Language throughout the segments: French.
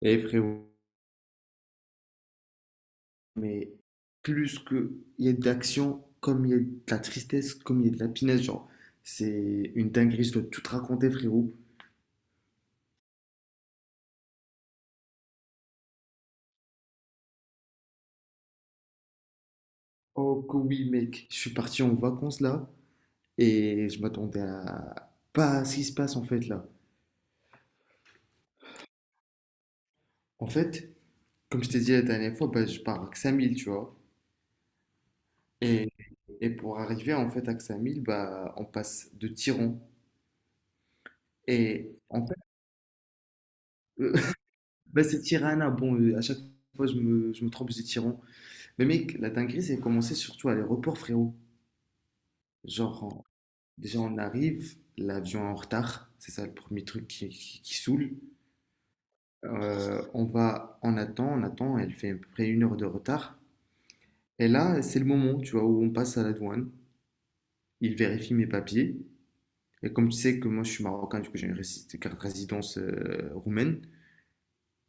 Et frérot, mais plus que il y a d'action, comme il y a de la tristesse, comme il y a de la pinaise, genre, c'est une dinguerie, je dois tout te raconter, frérot. Oh que oui, mec, je suis parti en vacances là, et je m'attendais à pas à ce qui se passe en fait là. En fait, comme je t'ai dit la dernière fois, bah, je pars à Ksamil, tu vois. Et, et pour arriver en fait à Ksamil, bah, on passe de Tiran. Et en fait, bah, c'est Tirana, bon, à chaque fois je me trompe, je dis Tiran. Mais mec, la dinguerie, c'est commencé surtout à l'aéroport, frérot. Genre, déjà, on arrive, l'avion est en retard, c'est ça le premier truc qui saoule. On va, on attend, elle fait à peu près 1 heure de retard. Et là, c'est le moment, tu vois, où on passe à la douane. Il vérifie mes papiers. Et comme tu sais que moi, je suis marocain, du coup, j'ai une carte résidence roumaine,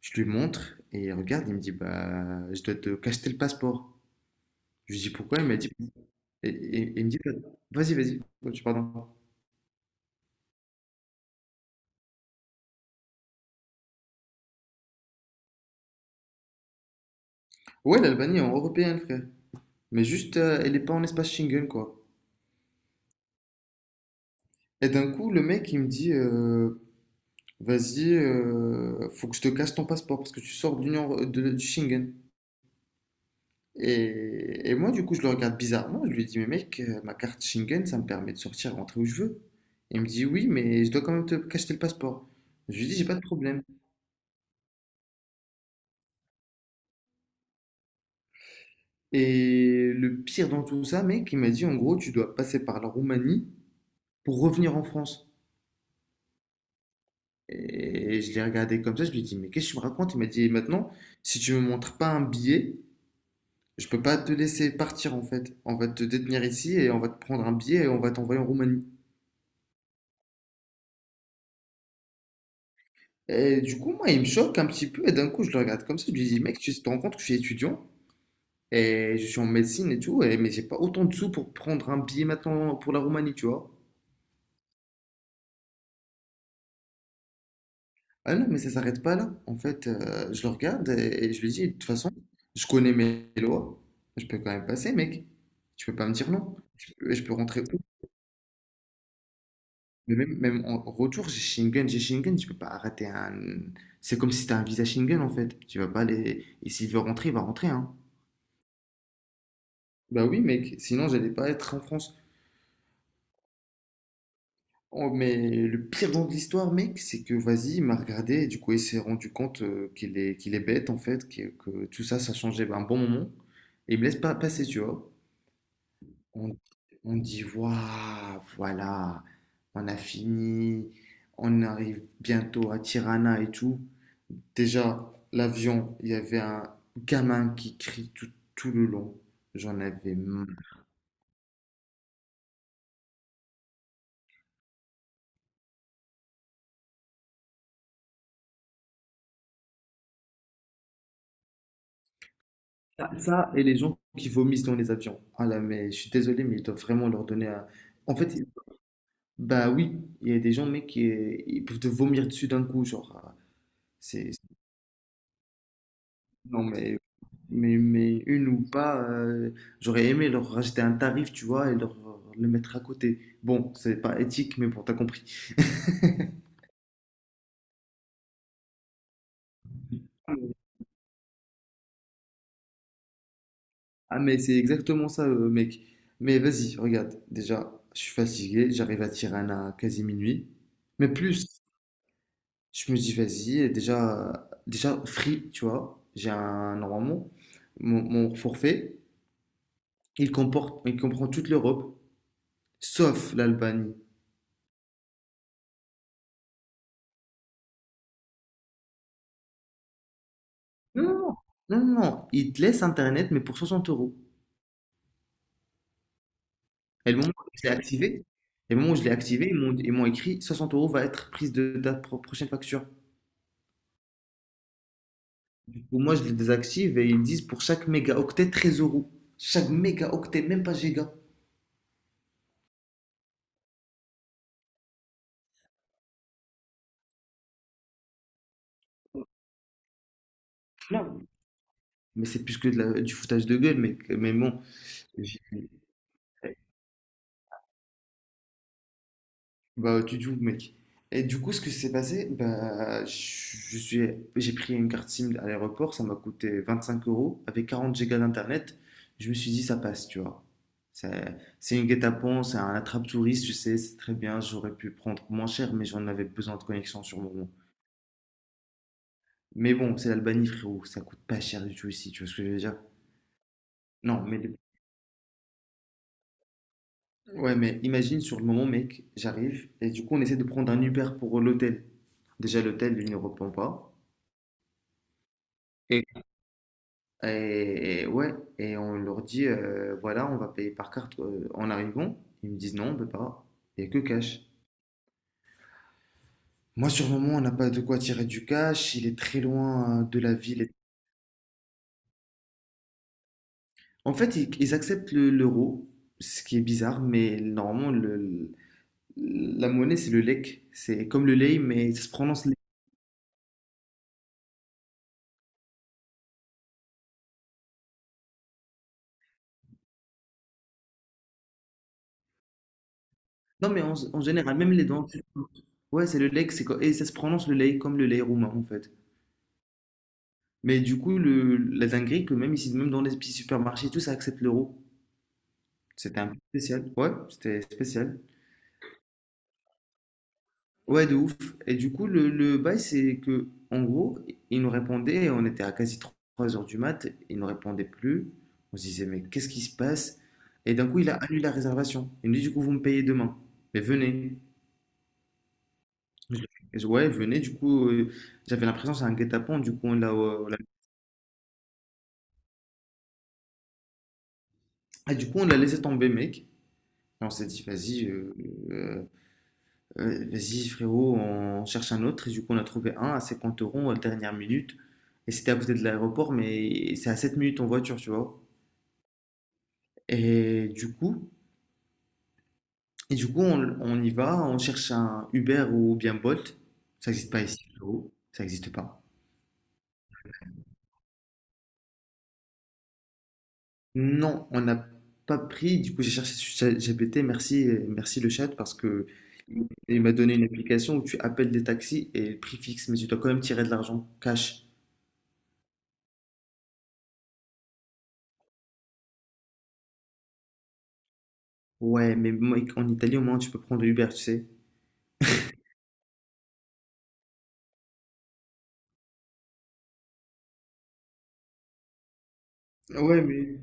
je lui montre et il regarde, il me dit, bah, je dois te cacheter le passeport. Je lui dis pourquoi, il m'a dit, et il me dit, vas-y, vas-y. Oh, pardon. Ouais, l'Albanie est en européenne, frère. Mais juste, elle n'est pas en espace Schengen, quoi. Et d'un coup, le mec, il me dit, vas-y, faut que je te casse ton passeport parce que tu sors de l'Union, du Schengen. Et moi, du coup, je le regarde bizarrement. Je lui dis, mais mec, ma carte Schengen, ça me permet de sortir, rentrer où je veux. Il me dit, oui, mais je dois quand même te cacher le passeport. Je lui dis, j'ai pas de problème. Et le pire dans tout ça, mec, il m'a dit, en gros, tu dois passer par la Roumanie pour revenir en France. Et je l'ai regardé comme ça, je lui ai dit, mais qu'est-ce que tu me racontes? Il m'a dit, maintenant, si tu me montres pas un billet, je peux pas te laisser partir en fait. On va te détenir ici et on va te prendre un billet et on va t'envoyer en Roumanie. Et du coup, moi, il me choque un petit peu et d'un coup, je le regarde comme ça, je lui dis, mec, tu te rends compte que je suis étudiant et je suis en médecine et tout, et, mais j'ai pas autant de sous pour prendre un billet maintenant pour la Roumanie, tu vois. Ah non, mais ça s'arrête pas là. En fait, je le regarde et je lui dis, de toute façon, je connais mes lois. Je peux quand même passer, mec. Tu peux pas me dire non. Je peux rentrer où? Mais même, même en retour, j'ai Schengen, j'ai Schengen. Tu peux pas arrêter un. C'est comme si t'as un visa Schengen, en fait. Tu vas pas aller. Et s'il veut rentrer, il va rentrer, hein. Bah oui, mec. Sinon, j'allais pas être en France. Oh, mais le pire dans de l'histoire, mec, c'est que vas-y, il m'a regardé et du coup, il s'est rendu compte qu'il est bête en fait, que tout ça, ça changeait un bon moment. Et il me laisse pas passer, tu vois. On, on dit, waouh, voilà, on a fini, on arrive bientôt à Tirana et tout. Déjà, l'avion, il y avait un gamin qui crie tout, tout le long. J'en avais marre. Ah, ça, et les gens qui vomissent dans les avions. Ah là, mais je suis désolé, mais ils doivent vraiment leur donner un… En fait, bah oui, il y a des gens, mec, qui ils peuvent te vomir dessus d'un coup, genre. Ah, C'est... c'est- non, mais, une ou pas, j'aurais aimé leur rajouter un tarif, tu vois, et leur le mettre à côté. Bon, c'est pas éthique, mais bon, t'as compris. Ah, mais c'est exactement ça, mec. Mais vas-y, regarde, déjà, je suis fatigué, j'arrive à Tirana à quasi minuit. Mais plus, Je me dis, vas-y, et déjà, Free, tu vois, normalement, mon forfait, il comprend toute l'Europe, sauf l'Albanie. Non, non, non, non, non, il te laisse Internet, mais pour 60 euros. Et le moment où je l'ai activé, ils m'ont écrit 60 euros va être prise de ta prochaine facture. Ou moi, je les désactive et ils disent pour chaque mégaoctet, 13 euros. Chaque mégaoctet, même pas giga. Non. Mais c'est plus que du foutage de gueule, mec. Mais bon, j'ai- bah, tu joues, mec. Et du coup, ce que s'est passé, bah, j'ai pris une carte SIM à l'aéroport, ça m'a coûté 25 euros, avec 40 gigas d'internet. Je me suis dit, ça passe, tu vois. C'est une guet-apens, c'est un attrape-touriste, je sais, c'est très bien, j'aurais pu prendre moins cher, mais j'en avais besoin de connexion sur le moment. Mais bon, c'est l'Albanie, frérot, ça coûte pas cher du tout ici, tu vois ce que je veux dire? Non, mais, ouais, mais imagine sur le moment, mec, j'arrive, et du coup, on essaie de prendre un Uber pour l'hôtel. Déjà, l'hôtel, il ne répond pas. Et ouais, et on leur dit, voilà, on va payer par carte en arrivant. Ils me disent, non, on peut pas. Il n'y a que cash. Moi, sur le moment, on n'a pas de quoi tirer du cash. Il est très loin de la ville. En fait, ils acceptent l'euro, ce qui est bizarre, mais normalement, la monnaie, c'est le lek. C'est comme le lei, mais ça se prononce lei. Non, mais en général, même les dents. Ouais, c'est le lek, et ça se prononce le lei comme le lei roumain, en fait. Mais du coup, la dinguerie, que même ici, même dans les petits supermarchés, et tout ça accepte l'euro. C'était un peu spécial. Ouais, c'était spécial. Ouais, de ouf. Et du coup, le bail, c'est que, en gros, il nous répondait, on était à quasi 3 heures du mat, il nous répondait plus. On se disait, mais qu'est-ce qui se passe? Et d'un coup, il a annulé la réservation. Il nous dit, du coup, vous me payez demain. Mais venez. Je- Ouais, venez. Du coup, j'avais l'impression que c'est un guet-apens. Du coup, ah, du coup, on l'a laissé tomber, mec. Et on s'est dit, vas-y, euh, vas-y, frérot, on cherche un autre. Et du coup, on a trouvé un à 50 euros à la dernière minute. Et c'était à côté de l'aéroport, mais c'est à 7 minutes en voiture, tu vois. Et du coup, et du coup on y va, on cherche un Uber ou bien Bolt. Ça n'existe pas ici, frérot. Ça n'existe pas. Non, on n'a pas pris. Du coup, j'ai cherché sur ChatGPT. Merci le chat parce que il m'a donné une application où tu appelles des taxis et le prix fixe, mais tu dois quand même tirer de l'argent cash. Ouais, mais moi, en Italie, au moins, tu peux prendre Uber, tu sais. Ouais, mais…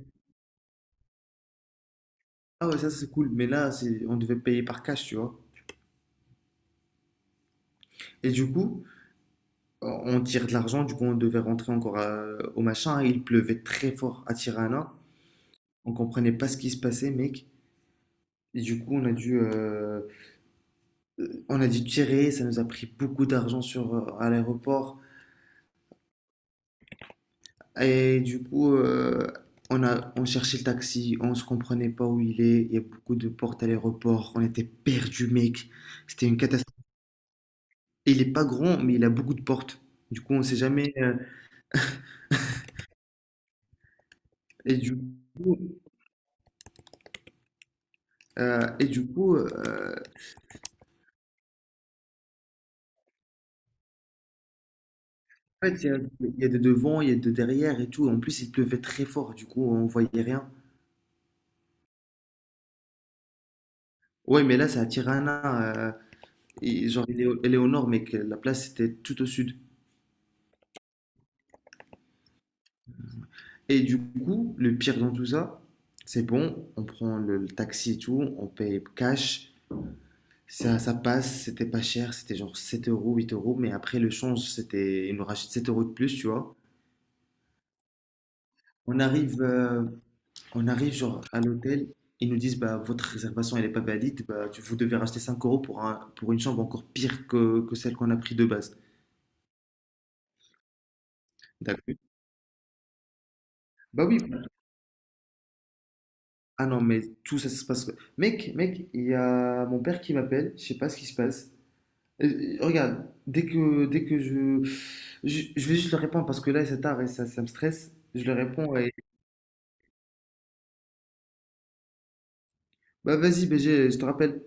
Ah ouais, ça c'est cool. Mais là, c'est… on devait payer par cash, tu vois. Et du coup, on tire de l'argent, du coup, on devait rentrer encore au machin. Il pleuvait très fort à Tirana. On comprenait pas ce qui se passait, mec. Et du coup, on a dû tirer. Ça nous a pris beaucoup d'argent à l'aéroport. Et du coup, on cherchait le taxi. On se comprenait pas où il est. Il y a beaucoup de portes à l'aéroport. On était perdus, mec. C'était une catastrophe. Et il est pas grand, mais il a beaucoup de portes. Du coup, on sait jamais. Et du coup, et du coup En fait, il y a de devant, il y a de derrière et tout. En plus, il pleuvait très fort. Du coup, on voyait rien. Ouais, mais là, c'est à Tirana. Et genre, elle est au nord, mais que la place était tout au sud. Et du coup, le pire dans tout ça, c'est bon. On prend le taxi et tout. On paye cash. Ça passe. C'était pas cher. C'était genre 7 euros, 8 euros. Mais après, le change, c'était. Ils nous rachètent 7 euros de plus, tu vois. On arrive, euh, on arrive genre à l'hôtel, ils nous disent bah votre réservation elle est pas valide, bah vous devez racheter 5 euros pour pour une chambre encore pire que celle qu'on a pris de base. D'accord. Bah oui. Ah non mais tout ça, ça se passe. Mec, il y a mon père qui m'appelle, je sais pas ce qui se passe. Regarde, dès que je vais juste le répondre parce que là c'est tard et ça me stresse. Je le réponds et bah vas-y BG, je te rappelle.